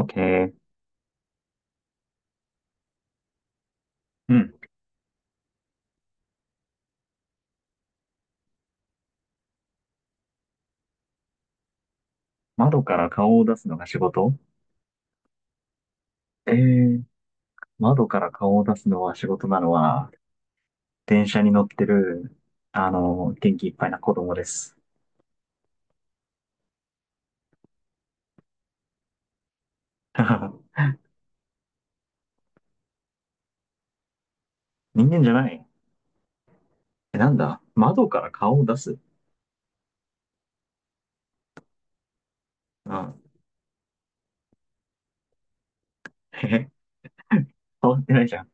OK。うん。窓から顔を出すのが仕事。えー、窓から顔を出すのは仕事なのは、電車に乗ってる、あの、元気いっぱいな子供です。人間じゃない。え、なんだ窓から顔を出す。うん。へへ、変わってないじゃん。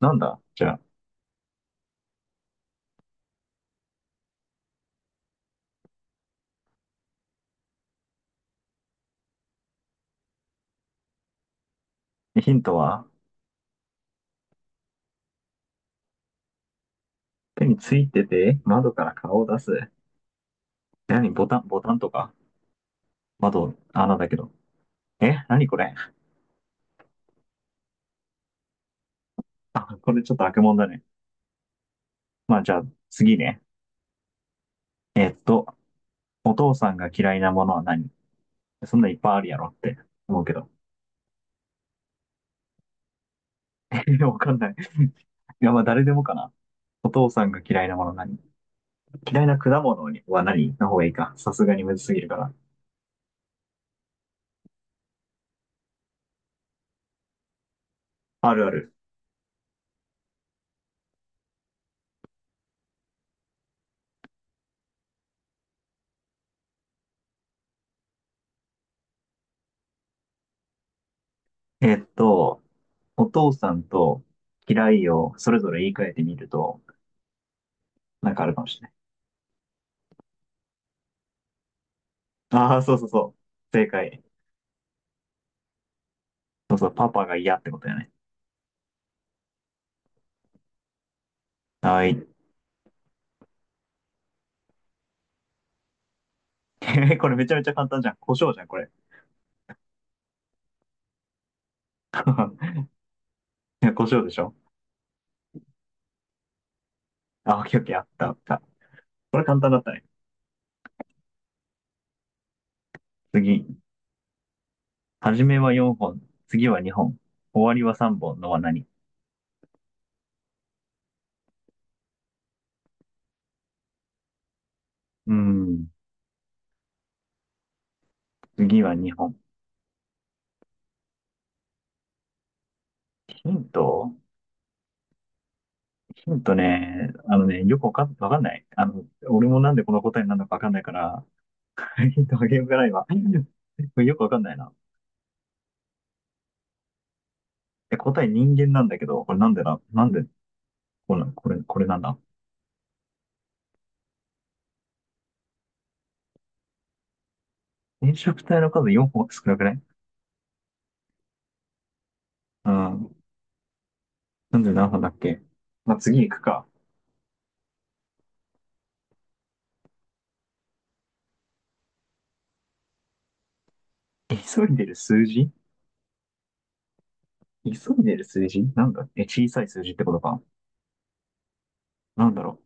なんだ。じゃあ、ヒントは、手についてて、窓から顔を出す。何ボタン、ボタンとか。窓、穴だけど。え、何これ。あ、これちょっと悪もんだね。まあじゃあ、次ね。えっと、お父さんが嫌いなものは何。そんなんいっぱいあるやろって思うけど。わかんない。いや、まあ誰でもかな。お父さんが嫌いなもの何。嫌いな果物は何の方がいいか。さすがにむずすぎるから。あるある。えっと、お父さんと嫌いをそれぞれ言い換えてみると、なんかあるかもしれない。ああ、そうそうそう。正解。そうそう、パパが嫌ってことやね。はい。これめちゃめちゃ簡単じゃん。胡椒じゃん、これ。いや、胡椒でしょ。あ、オッケーオッケー、あったあった。これ簡単だったね。次。初めは4本、次は2本、終わりは3本のは何。うーん、次は2本。ヒント。ヒントね、あのね、よくわかんない。俺もなんでこの答えになるのかわかんないから、ヒントあげようかな、今。これよくわかんないな。え、答え人間なんだけど、これなんで、これなんだ。染色体の数4本少なくない？うん。なんで何本だっけ？まあ、次行くか。急いでる数字。急いでる数字なんだ。え、小さい数字ってことか？なんだろ。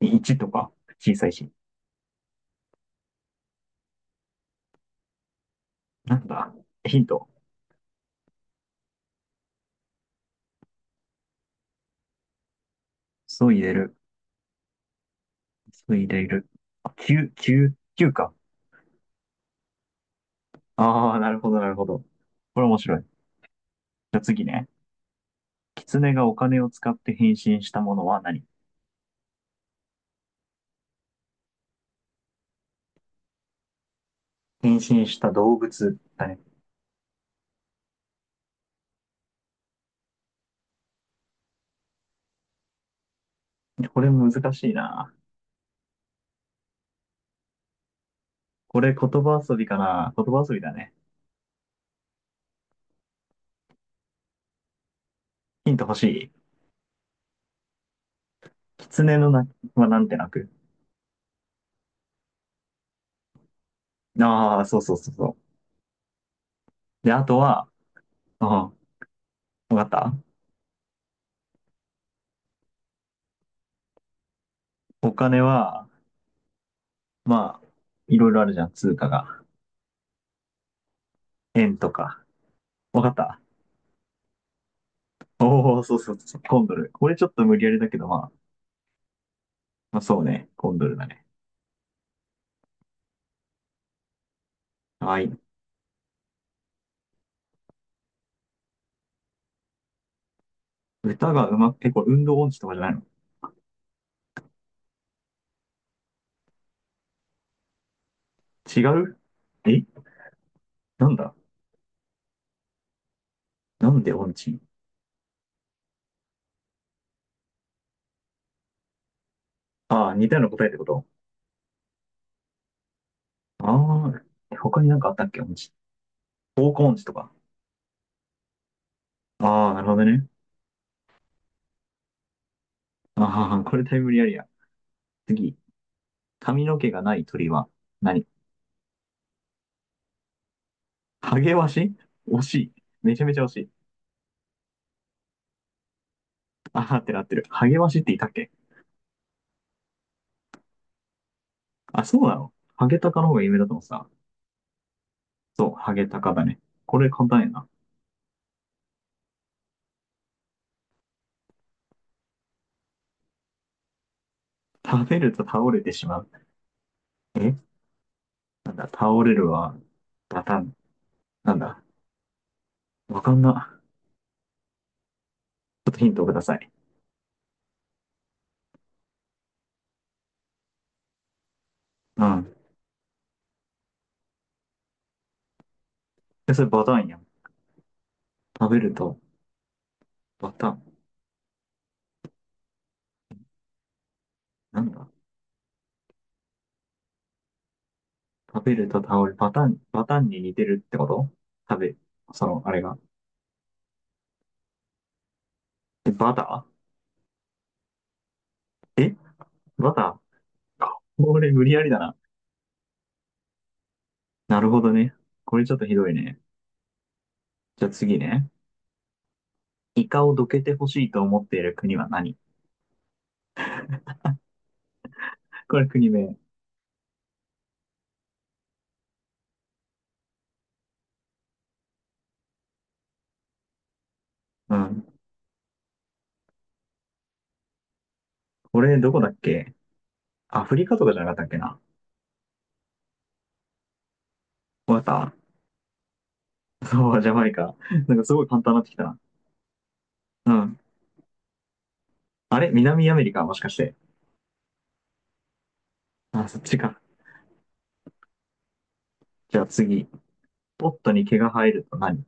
1とか、小さいし。なんだ、ヒント。そう入れる。そう入れる。あ、9、9、きゅうか。ああ、なるほど、なるほど。これ面白い。じゃあ次ね。狐がお金を使って変身したものは何？変身した動物だね。これ難しいな。これ言葉遊びかな。言葉遊びだね。ヒント欲しい。狐の鳴きはなんて鳴く？ああ、そうそうそうそう。で、あとは、うん、わかった。お金は、まあ、いろいろあるじゃん、通貨が。円とか。わかった。おお、そうそうそう、コンドル。これちょっと無理やりだけど、まあ、まあ、そうね、コンドルだね。はい。歌がうまく、え、これ運動音痴とかじゃないの？違う？え、なんだ。なんで音痴？ああー、似たような答えってこと？ああ、え他になんかあったっけ音痴。方向音痴とか。ああ、なるほどね。ああ、これだいぶ無理やりや。次。髪の毛がない鳥は何。ハゲワシ？惜しい。めちゃめちゃ惜しい。ああってなってる。ハゲワシっていたっけ？あ、そうなの？ハゲタカの方が有名だと思ってた。そう、ハゲタカだね。これ簡単やな。食べると倒れてしまう。え、なんだ、倒れるは、バタン。なんだ、わかんな。ちょっとヒントください。うん。え、それバタンやん。食べると、バタン。なんだ。食べると倒れ、バタン、バタンに似てるってこと？食べ、その、あれが。え、バター？え、バター。これ無理やりだな。なるほどね。これちょっとひどいね。じゃあ次ね。イカをどけてほしいと思っている国は何。これ国名。うん。これどこだっけ？アフリカとかじゃなかったっけな。わかった。そう、ジャマイカ。なんかすごい簡単になってきたな。うん。あれ南アメリカもしかして。あ、そっちか。じゃあ次。ポットに毛が生えると何？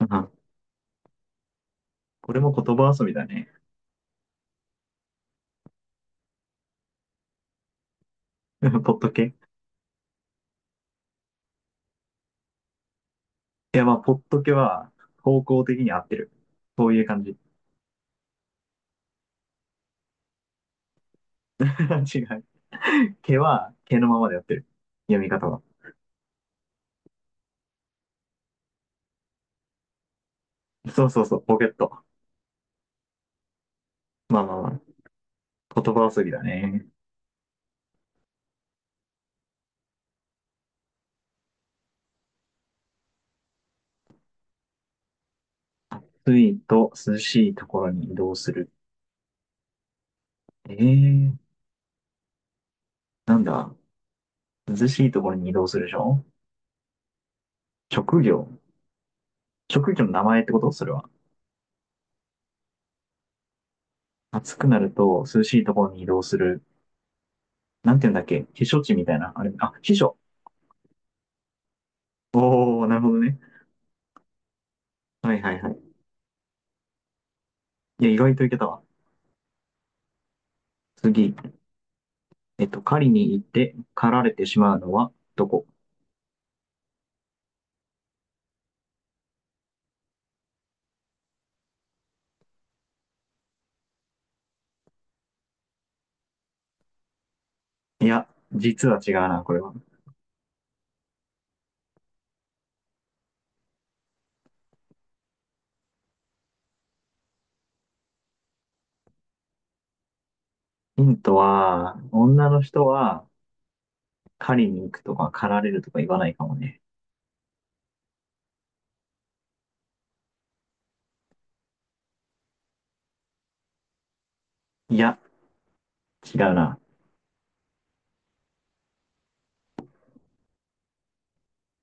うん。これも言葉遊びだね。ポット毛。いや、まあ、ポット毛は方向的に合ってる。そういう感じ。違う。毛は毛のままでやってる。読み方は。そうそうそう、ポケット。まあまあまあ、言葉遊びだね。暑いと涼しいところに移動する。ええー、なんだ。涼しいところに移動するでしょ？職業。職業の名前ってこと、それは。暑くなると涼しいところに移動する。なんて言うんだっけ、避暑地みたいな。あれ、あ、避暑。おー、なるほどね。はいはいはい。いや、意外といけたわ。次。狩りに行って狩られてしまうのはどこ？いや、実は違うな、これは。ヒントは、女の人は狩りに行くとか狩られるとか言わないかもね。いや、違うな。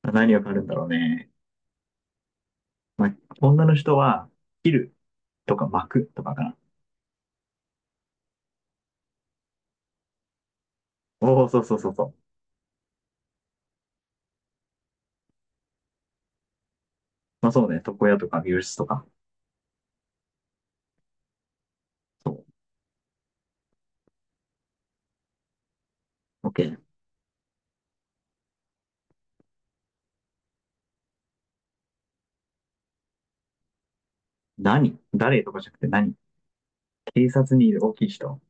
何を狩るんだろうね。まあ、女の人は、切るとか幕とかかな。おお、そうそうそうそう。まあそうね、床屋とか美容室とか。そう。OK。何？誰とかじゃなくて何？警察にいる大きい人。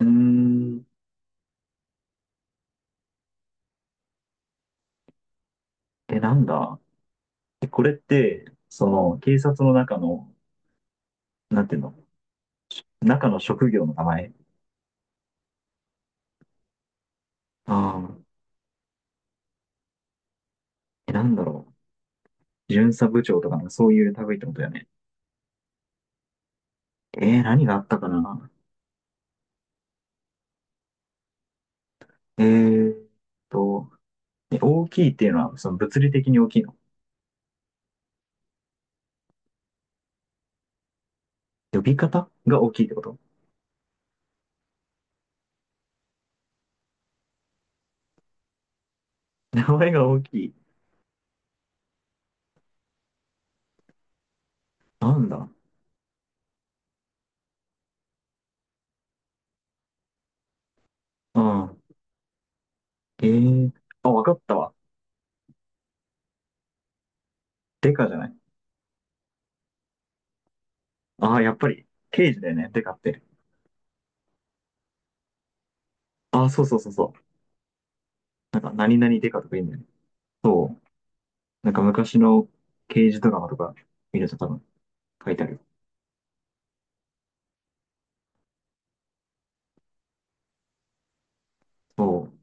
うーん。え、なんだ。で、その、警察の中の、なんていうの？中の職業の名前。ああ、え、なんだろう。巡査部長とかのそういう類ってことだよね。何があったかな。えーっと、大きいっていうのは、その、物理的に大きいの？呼び方が大きいってこと？名前が大きい。なんだ。うん。ええ。あ、わかったわ。デカじゃない？ああ、やっぱり、刑事だよね、デカって。ああ、そうそうそうそう。なんか、何々デカとか言うんだよね。そう。なんか、昔の刑事ドラマとか見ると多分書いてある。そう。